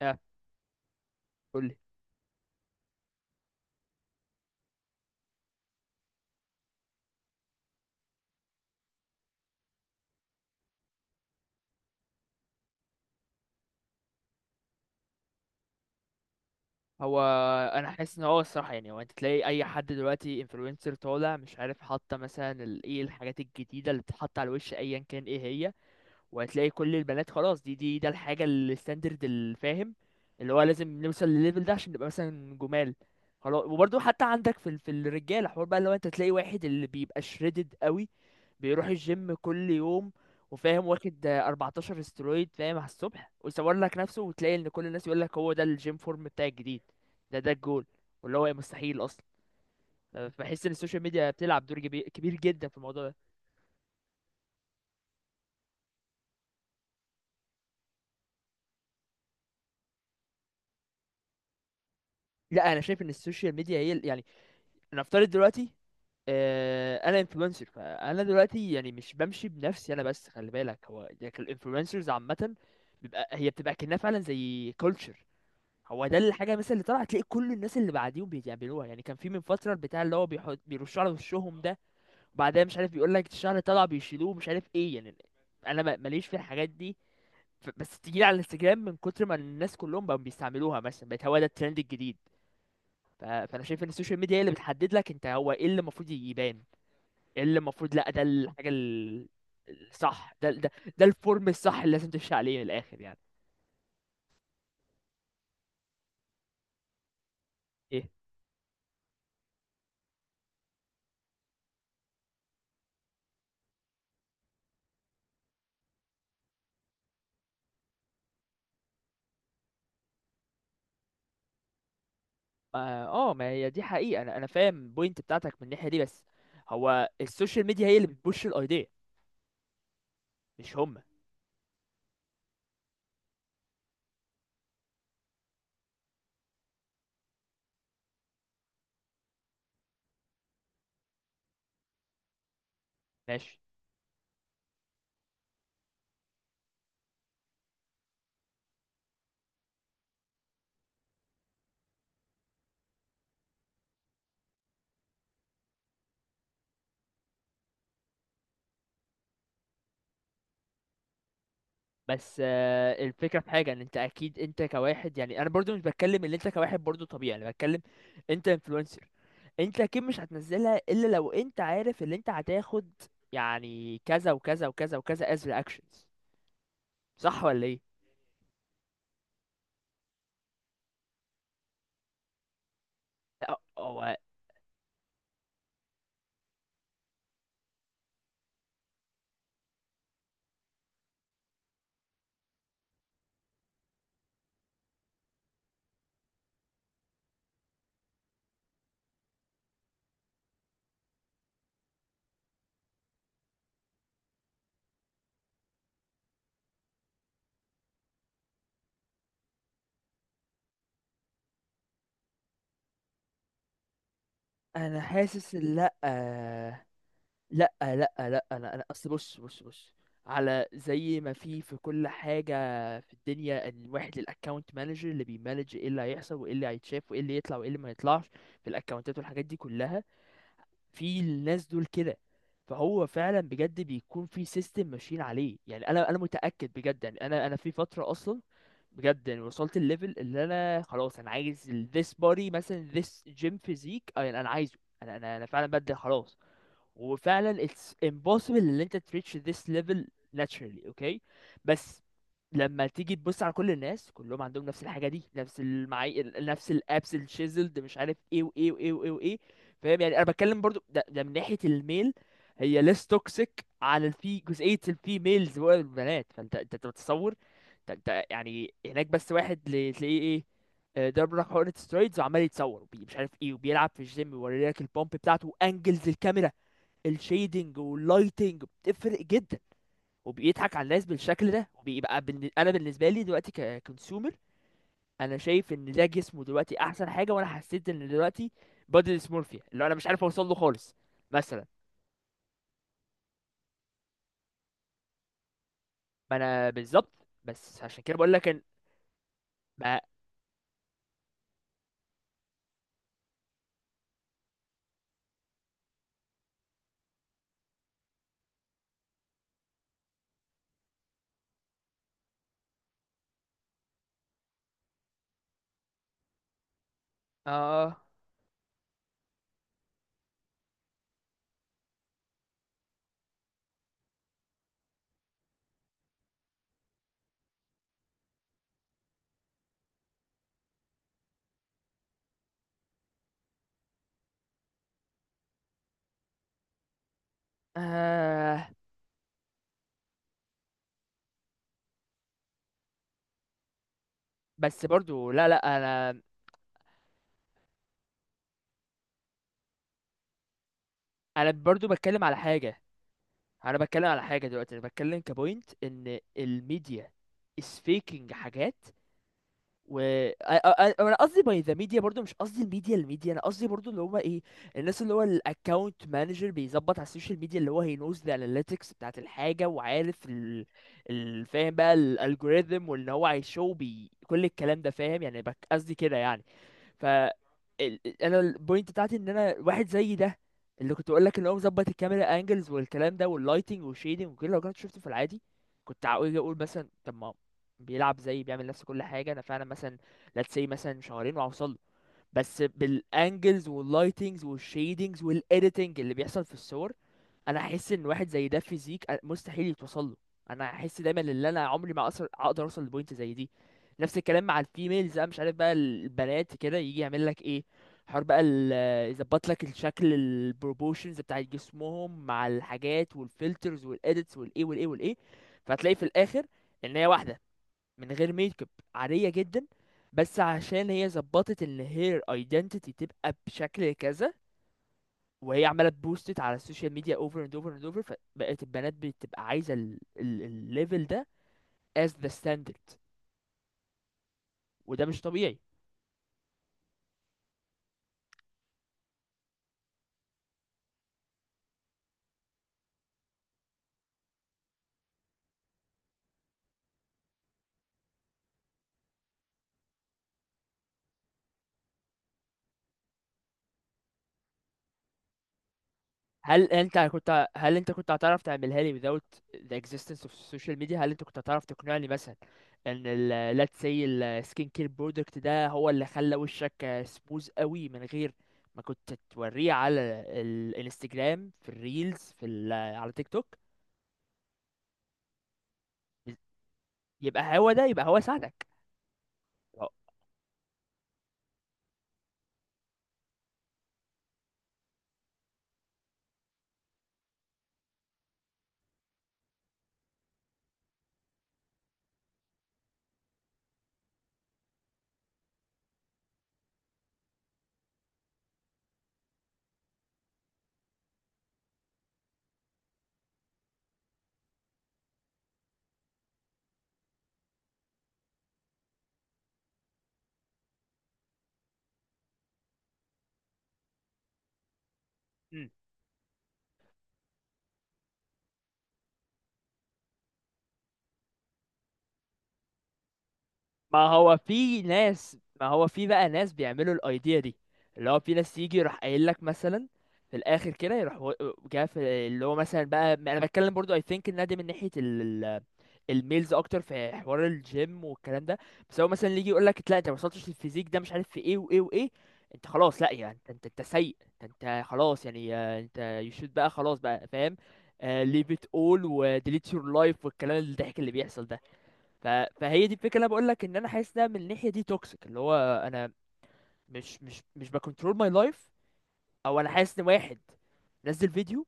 اه. قولي. هو انا حاسس ان هو الصراحه، يعني هو انت تلاقي اي حد دلوقتي انفلونسر طالع مش عارف حاطه مثلا ايه الحاجات الجديده اللي بتتحط على الوش ايا كان ايه هي. وهتلاقي كل البنات خلاص، دي ده الحاجة الستاندرد الفاهم، اللي هو لازم نوصل للليفل ده عشان نبقى مثلا جمال. خلاص. وبرضه حتى عندك في في الرجالة حوار بقى، لو انت تلاقي واحد اللي بيبقى شريدد قوي، بيروح الجيم كل يوم وفاهم، واخد 14 استرويد فاهم على الصبح ويصور لك نفسه، وتلاقي ان كل الناس يقول لك هو ده الجيم فورم بتاع الجديد، ده الجول، واللي هو مستحيل اصلا. بحس ان السوشيال ميديا بتلعب دور كبير جدا في الموضوع ده. لا، انا شايف ان السوشيال ميديا هي يعني، نفترض دلوقتي، انا انفلونسر، فانا دلوقتي يعني مش بمشي بنفسي انا بس، خلي بالك هو يعني الانفلونسرز عامه بيبقى هي بتبقى كأنها فعلا زي كلتشر. هو ده الحاجه مثلا اللي طلعت تلاقي كل الناس اللي بعديهم بيعملوها. يعني كان في من فتره البتاع اللي هو بيحط بيرشوا على وشهم ده، وبعدها مش عارف بيقول لك الشعر طلع بيشيلوه مش عارف ايه، يعني انا ماليش في الحاجات دي. بس تيجي على الانستجرام من كتر ما الناس كلهم بقوا بيستعملوها مثلا بقت هو ده الترند الجديد. فانا شايف ان السوشيال ميديا هي اللي بتحدد لك انت هو ايه اللي المفروض يبان، ايه اللي المفروض، لا، ده الحاجه الصح، ده الفورم الصح اللي لازم تمشي عليه من الاخر يعني. ايه. اه. ما هي دي حقيقه، انا فاهم البوينت بتاعتك من الناحيه دي، بس هو السوشيال ميديا هي اللي بتبوش الايديا، مش هم. ماشي. بس الفكرة في حاجة ان انت اكيد، انت كواحد يعني انا برضو مش بتكلم ان انت كواحد برضو طبيعي، انا بتكلم انت انفلونسر. انت اكيد مش هتنزلها الا لو انت عارف ان انت هتاخد يعني كذا وكذا وكذا وكذا as reactions. صح ولا ايه؟ لا هو، انا حاسس إن لا، لا، لا، لا، انا اصل بص بص بص، على زي ما في كل حاجه في الدنيا، إن الواحد الاكونت مانجر اللي بيمانج ايه اللي هيحصل وايه اللي هيتشاف وايه اللي يطلع وايه اللي ما يطلعش في الاكونتات والحاجات دي كلها، في الناس دول كده. فهو فعلا بجد بيكون في سيستم ماشيين عليه. يعني انا متاكد بجد. يعني انا في فتره اصلا بجد، يعني وصلت الليفل اللي انا خلاص انا عايز this body مثلا، this gym physique، يعني انا عايزه، انا فعلا بدي خلاص. وفعلا it's impossible ان انت تريتش this level naturally، اوكي؟ بس لما تيجي تبص على كل الناس كلهم عندهم نفس الحاجه دي، نفس الابس الشيزلد مش عارف ايه وايه وايه وايه وايه. فاهم؟ يعني انا بتكلم برضو ده من ناحيه الميل. هي less toxic على الفي، جزئيه الفيميلز والبنات. فانت انت بتتصور انت يعني هناك بس واحد تلاقيه ايه، ضرب لك حقنة سترويدز وعمال يتصور مش عارف ايه، وبيلعب في الجيم ويوري لك البومب بتاعته، وانجلز الكاميرا، الشيدنج واللايتنج بتفرق جدا، وبيضحك على الناس بالشكل ده وبيبقى بالن. انا بالنسبه لي دلوقتي ككونسيومر انا شايف ان ده جسمه دلوقتي احسن حاجه، وانا حسيت ان دلوقتي بادي ديسمورفيا اللي انا مش عارف اوصل له خالص مثلا. ما انا بالظبط، بس عشان كده بقول لك ان ما... آه... اه. بس برضو لا، لا، انا برضو بتكلم على حاجه. انا بتكلم على حاجه دلوقتي، انا بتكلم كبوينت ان الميديا is faking حاجات، و انا قصدي باي ذا ميديا، برضو مش قصدي الميديا الميديا، انا قصدي برضو اللي هو ايه، الناس اللي هو الاكونت مانجر بيظبط على السوشيال ميديا، اللي هو هي نوز ذا اناليتكس بتاعت الحاجه وعارف فاهم بقى الالجوريثم، وان هو هيشو بي كل الكلام ده، فاهم؟ يعني قصدي كده يعني. ف ال- انا البوينت بتاعتي ان انا واحد زي ده اللي كنت بقول لك، اللي هو مظبط الكاميرا انجلز والكلام ده واللايتنج والشيدنج وكده، لو كنت شفته في العادي كنت هقول، اقول مثلا طب ما بيلعب زي، بيعمل نفس كل حاجه، انا فعلا مثلا let's say مثلا شهرين وهوصل له. بس بالانجلز واللايتنجز والشيدنجز والايديتنج اللي بيحصل في الصور، انا احس ان واحد زي ده فيزيك مستحيل يتوصل له. انا احس دايما ان انا عمري ما اقدر اوصل لبوينت زي دي. نفس الكلام مع الفيميلز. انا مش عارف بقى البنات كده يجي يعمل لك ايه، حوار بقى يظبط لك الشكل، البروبوشنز بتاع جسمهم مع الحاجات والفلترز والاديتس والايه والايه والايه. فهتلاقي في الاخر ان هي واحده من غير ميك اب، عاديه جدا، بس عشان هي ظبطت ان هير ايدنتيتي تبقى بشكل كذا، وهي عماله تبوستت على السوشيال ميديا اوفر اند اوفر اند اوفر، فبقت البنات بتبقى عايزه الليفل ده as the standard، وده مش طبيعي. هل انت كنت هتعرف تعملها لي without the existence of social media؟ هل انت كنت هتعرف تقنعني مثلا ان ال let's say ال skin care product ده هو اللي خلى وشك سموز قوي من غير ما كنت توريه على الانستجرام، في الريلز، في ال، على تيك توك؟ يبقى هو ده، يبقى هو ساعدك. اه. ما هو في بقى ناس بيعملوا الايديا دي، اللي هو في ناس يجي يروح قايل لك مثلا، في الاخر كده يروح جا في، اللي هو مثلا بقى انا بتكلم برضو اي ثينك ان ده من ناحيه ال الميلز اكتر في حوار الجيم والكلام ده. بس هو مثلا اللي يجي يقول لك لا انت ما وصلتش للفيزيك ده مش عارف في ايه وايه وايه، انت خلاص، لا يعني انت سيء، انت خلاص يعني، انت يشوت بقى خلاص بقى، فاهم؟ ليف ات اول وديليت يور لايف والكلام الضحك اللي بيحصل ده. ف... فهي دي الفكره اللي انا بقول لك ان انا حاسس ان من الناحيه دي توكسيك، اللي هو انا مش بكنترول ماي لايف. او انا حاسس ان واحد نزل فيديو،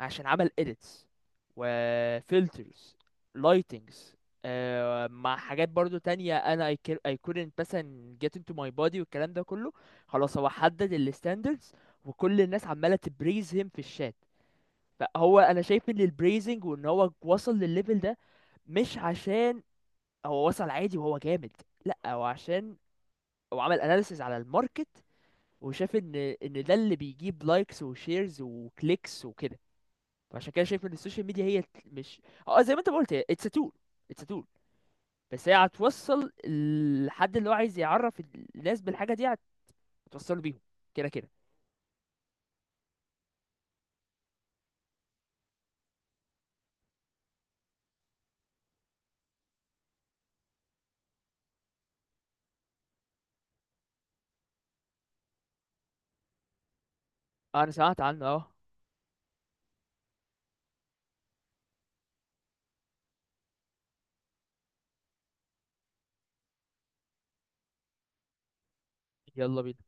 عشان عمل edits و filters، lightings، مع حاجات برضو تانية انا I couldn't مثلا get into my body والكلام ده كله، خلاص هو حدد ال standards، وكل الناس عمالة تبريز him في الشات. فهو انا شايف ان البريزنج وان هو وصل للليفل ده مش عشان هو وصل عادي وهو جامد، لا، هو عشان هو عمل اناليسيز على الماركت، وشاف ان ده اللي بيجيب لايكس وشيرز وكليكس وكده. فعشان كده شايف ان السوشيال ميديا هي مش، اه، زي ما انت ما قلت، هي اتس تول. اتس تول، بس هي هتوصل لحد اللي هو عايز يعرف الناس بالحاجه دي، هتوصله بيهم كده كده. انا سمعت عنه اه. يلا بينا.